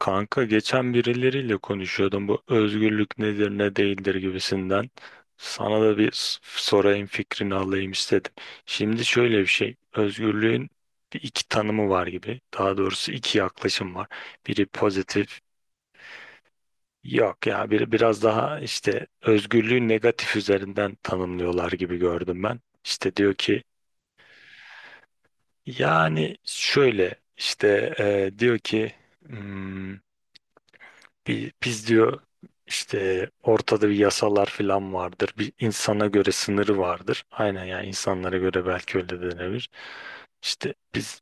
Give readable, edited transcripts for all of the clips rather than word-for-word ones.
Kanka geçen birileriyle konuşuyordum bu özgürlük nedir ne değildir gibisinden. Sana da sorayım fikrini alayım istedim. Şimdi şöyle bir şey özgürlüğün bir iki tanımı var gibi, daha doğrusu iki yaklaşım var. Biri pozitif, yok ya, biri biraz daha işte özgürlüğü negatif üzerinden tanımlıyorlar gibi gördüm ben. İşte diyor ki, yani şöyle işte diyor ki, "Hmm, bir, biz diyor işte ortada bir yasalar falan vardır. Bir insana göre sınırı vardır." Aynen, yani insanlara göre belki öyle denebilir. İşte biz,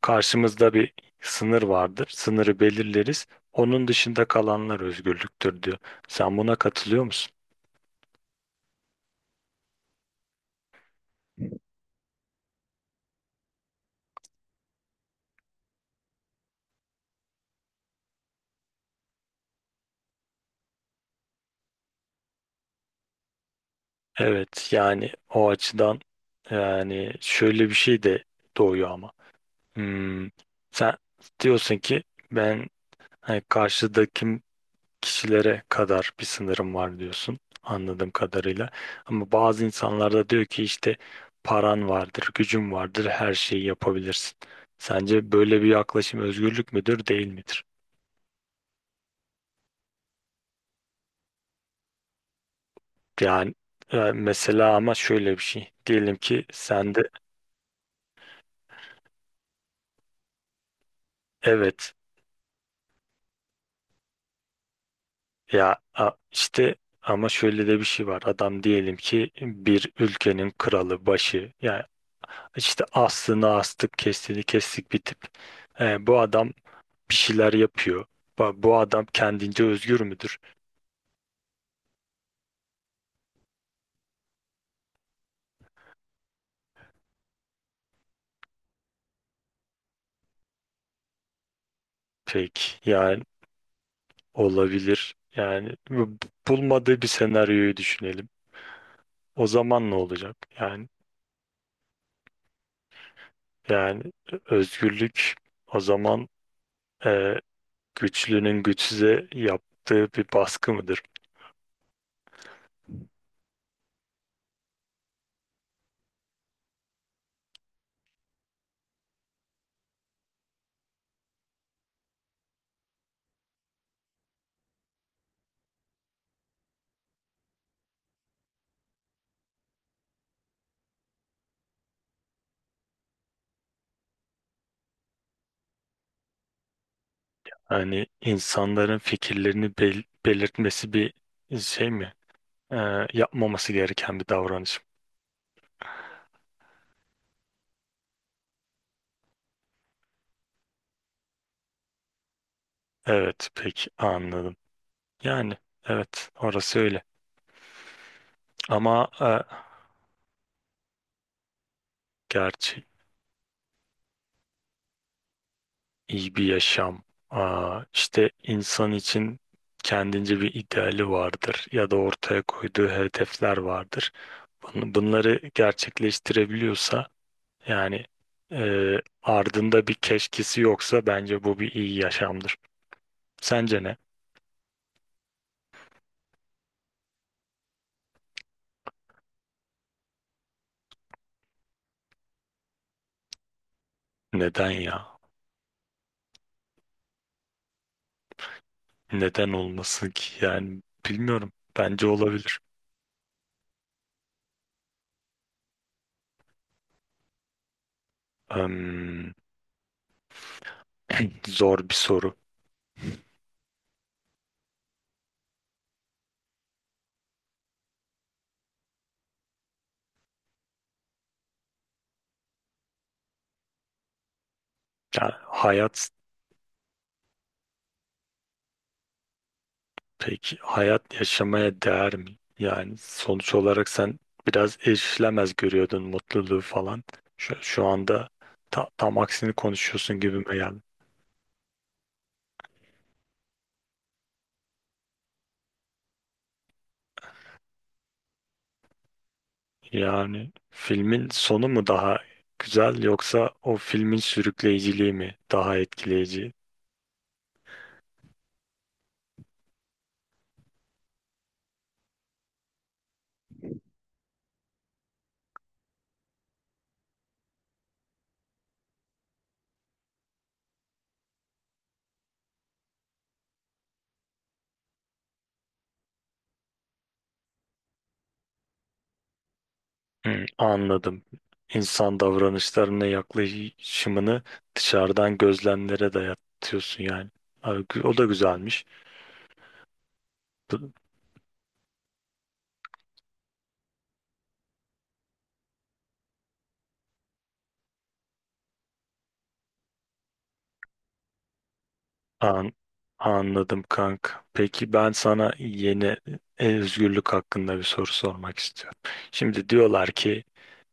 karşımızda bir sınır vardır. Sınırı belirleriz. Onun dışında kalanlar özgürlüktür diyor. Sen buna katılıyor musun? Evet, yani o açıdan yani şöyle bir şey de doğuyor ama. Hmm, sen diyorsun ki ben hani karşıdakim kişilere kadar bir sınırım var diyorsun anladığım kadarıyla. Ama bazı insanlar da diyor ki işte paran vardır, gücün vardır, her şeyi yapabilirsin. Sence böyle bir yaklaşım özgürlük müdür, değil midir? Yani mesela ama şöyle bir şey. Diyelim ki sen de evet, işte ama şöyle de bir şey var. Adam diyelim ki bir ülkenin kralı, başı. Yani işte aslını astık, kestiğini kestik bir tip. E, bu adam bir şeyler yapıyor. Bu adam kendince özgür müdür? Pek, yani olabilir. Yani bulmadığı bir senaryoyu düşünelim. O zaman ne olacak? Yani özgürlük o zaman e, güçlünün güçsüze yaptığı bir baskı mıdır? Hani insanların fikirlerini belirtmesi bir şey mi? E, yapmaması gereken bir davranış. Evet, peki anladım. Yani evet, orası öyle. Ama gerçi iyi bir yaşam. Aa, işte insan için kendince bir ideali vardır ya da ortaya koyduğu hedefler vardır. Bunları gerçekleştirebiliyorsa, yani e, ardında bir keşkesi yoksa bence bu bir iyi yaşamdır. Sence ne? Neden ya? Neden olmasın ki? Yani bilmiyorum. Bence olabilir. Hmm, zor bir soru. Yani hayat. Peki hayat yaşamaya değer mi? Yani sonuç olarak sen biraz erişilemez görüyordun mutluluğu falan. Şu anda tam aksini konuşuyorsun gibime geldi. Yani. Yani filmin sonu mu daha güzel, yoksa o filmin sürükleyiciliği mi daha etkileyici? Hı, anladım. İnsan davranışlarına yaklaşımını dışarıdan gözlemlere dayatıyorsun yani. Abi, o da güzelmiş. An anladım kanka. Peki ben sana yeni özgürlük hakkında bir soru sormak istiyorum. Şimdi diyorlar ki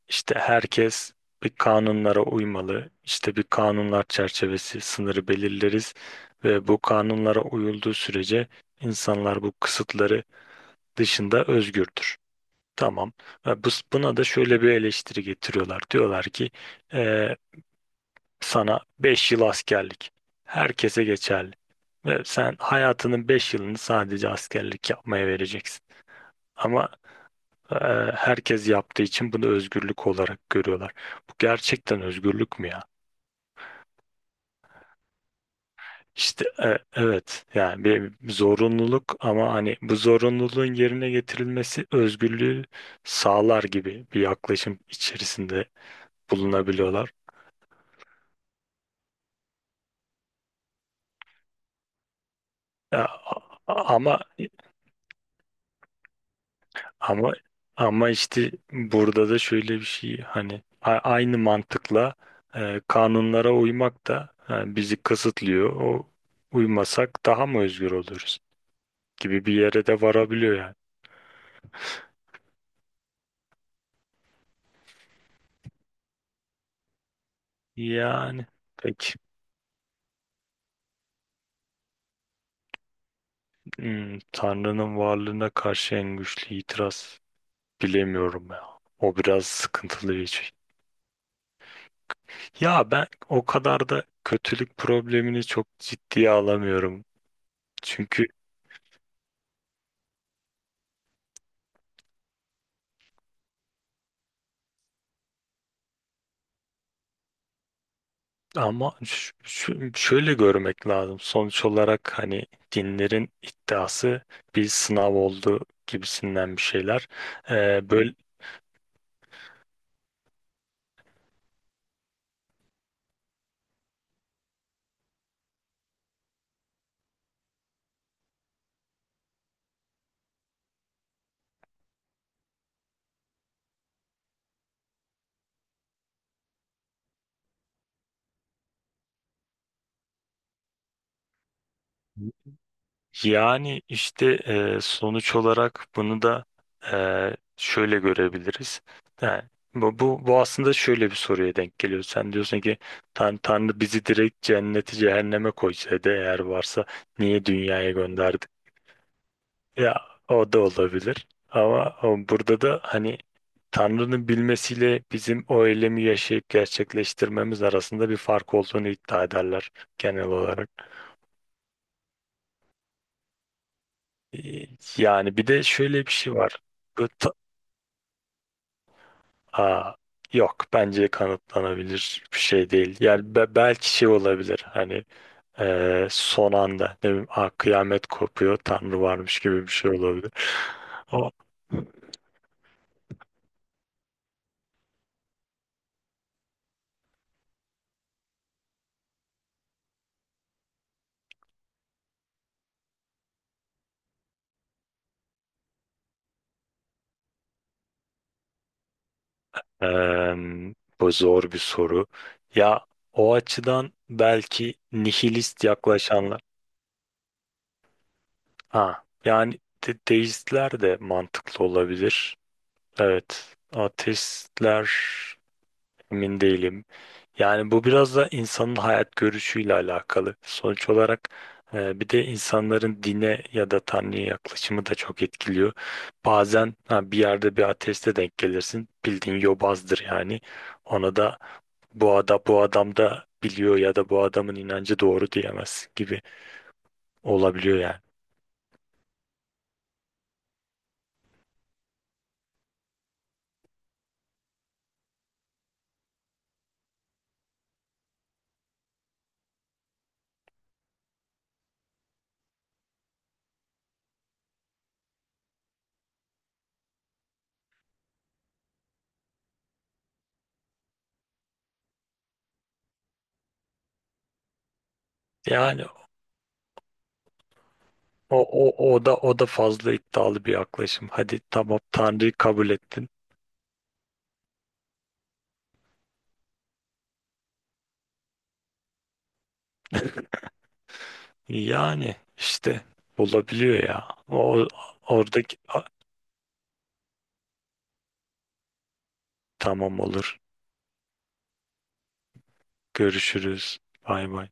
işte herkes bir kanunlara uymalı. İşte bir kanunlar çerçevesi sınırı belirleriz ve bu kanunlara uyulduğu sürece insanlar bu kısıtları dışında özgürdür. Tamam. Ve buna da şöyle bir eleştiri getiriyorlar. Diyorlar ki e, sana 5 yıl askerlik. Herkese geçerli. Ve sen hayatının 5 yılını sadece askerlik yapmaya vereceksin. Ama e, herkes yaptığı için bunu özgürlük olarak görüyorlar. Bu gerçekten özgürlük mü ya? İşte evet, yani bir zorunluluk ama hani bu zorunluluğun yerine getirilmesi özgürlüğü sağlar gibi bir yaklaşım içerisinde bulunabiliyorlar. Ya, ama ama ama işte burada da şöyle bir şey, hani aynı mantıkla kanunlara uymak da bizi kısıtlıyor. O uymasak daha mı özgür oluruz gibi bir yere de varabiliyor yani. Yani peki, hmm, Tanrı'nın varlığına karşı en güçlü itiraz bilemiyorum ya. O biraz sıkıntılı bir şey. Ya ben o kadar da kötülük problemini çok ciddiye alamıyorum. Çünkü. Ama şöyle görmek lazım. Sonuç olarak hani dinlerin iddiası bir sınav oldu gibisinden bir şeyler. Böyle yani işte sonuç olarak bunu da şöyle görebiliriz. Yani bu aslında şöyle bir soruya denk geliyor. Sen diyorsun ki Tanrı bizi direkt cenneti cehenneme koysaydı, eğer varsa niye dünyaya gönderdi? Ya o da olabilir. Ama burada da hani Tanrı'nın bilmesiyle bizim o eylemi yaşayıp gerçekleştirmemiz arasında bir fark olduğunu iddia ederler genel olarak. Ee, Yani bir de şöyle bir şey var. Bu ta- Aa, yok, bence kanıtlanabilir bir şey değil. Yani belki şey olabilir, hani son anda ne bileyim, "Aa, kıyamet kopuyor, Tanrı varmış" gibi bir şey olabilir. Eee, bu zor bir soru. Ya o açıdan belki nihilist yaklaşanlar. Ha, yani deistler de mantıklı olabilir. Evet, ateistler. Emin değilim. Yani bu biraz da insanın hayat görüşüyle alakalı. Sonuç olarak bir de insanların dine ya da Tanrı'ya yaklaşımı da çok etkiliyor. Bazen ha, bir yerde bir ateiste denk gelirsin. Bildiğin yobazdır yani. Ona da bu adam da biliyor ya da bu adamın inancı doğru diyemez gibi olabiliyor yani. Yani o, o da fazla iddialı bir yaklaşım. Hadi tamam, Tanrı'yı kabul ettin. Yani işte olabiliyor ya. O oradaki tamam, olur. Görüşürüz. Bay bay.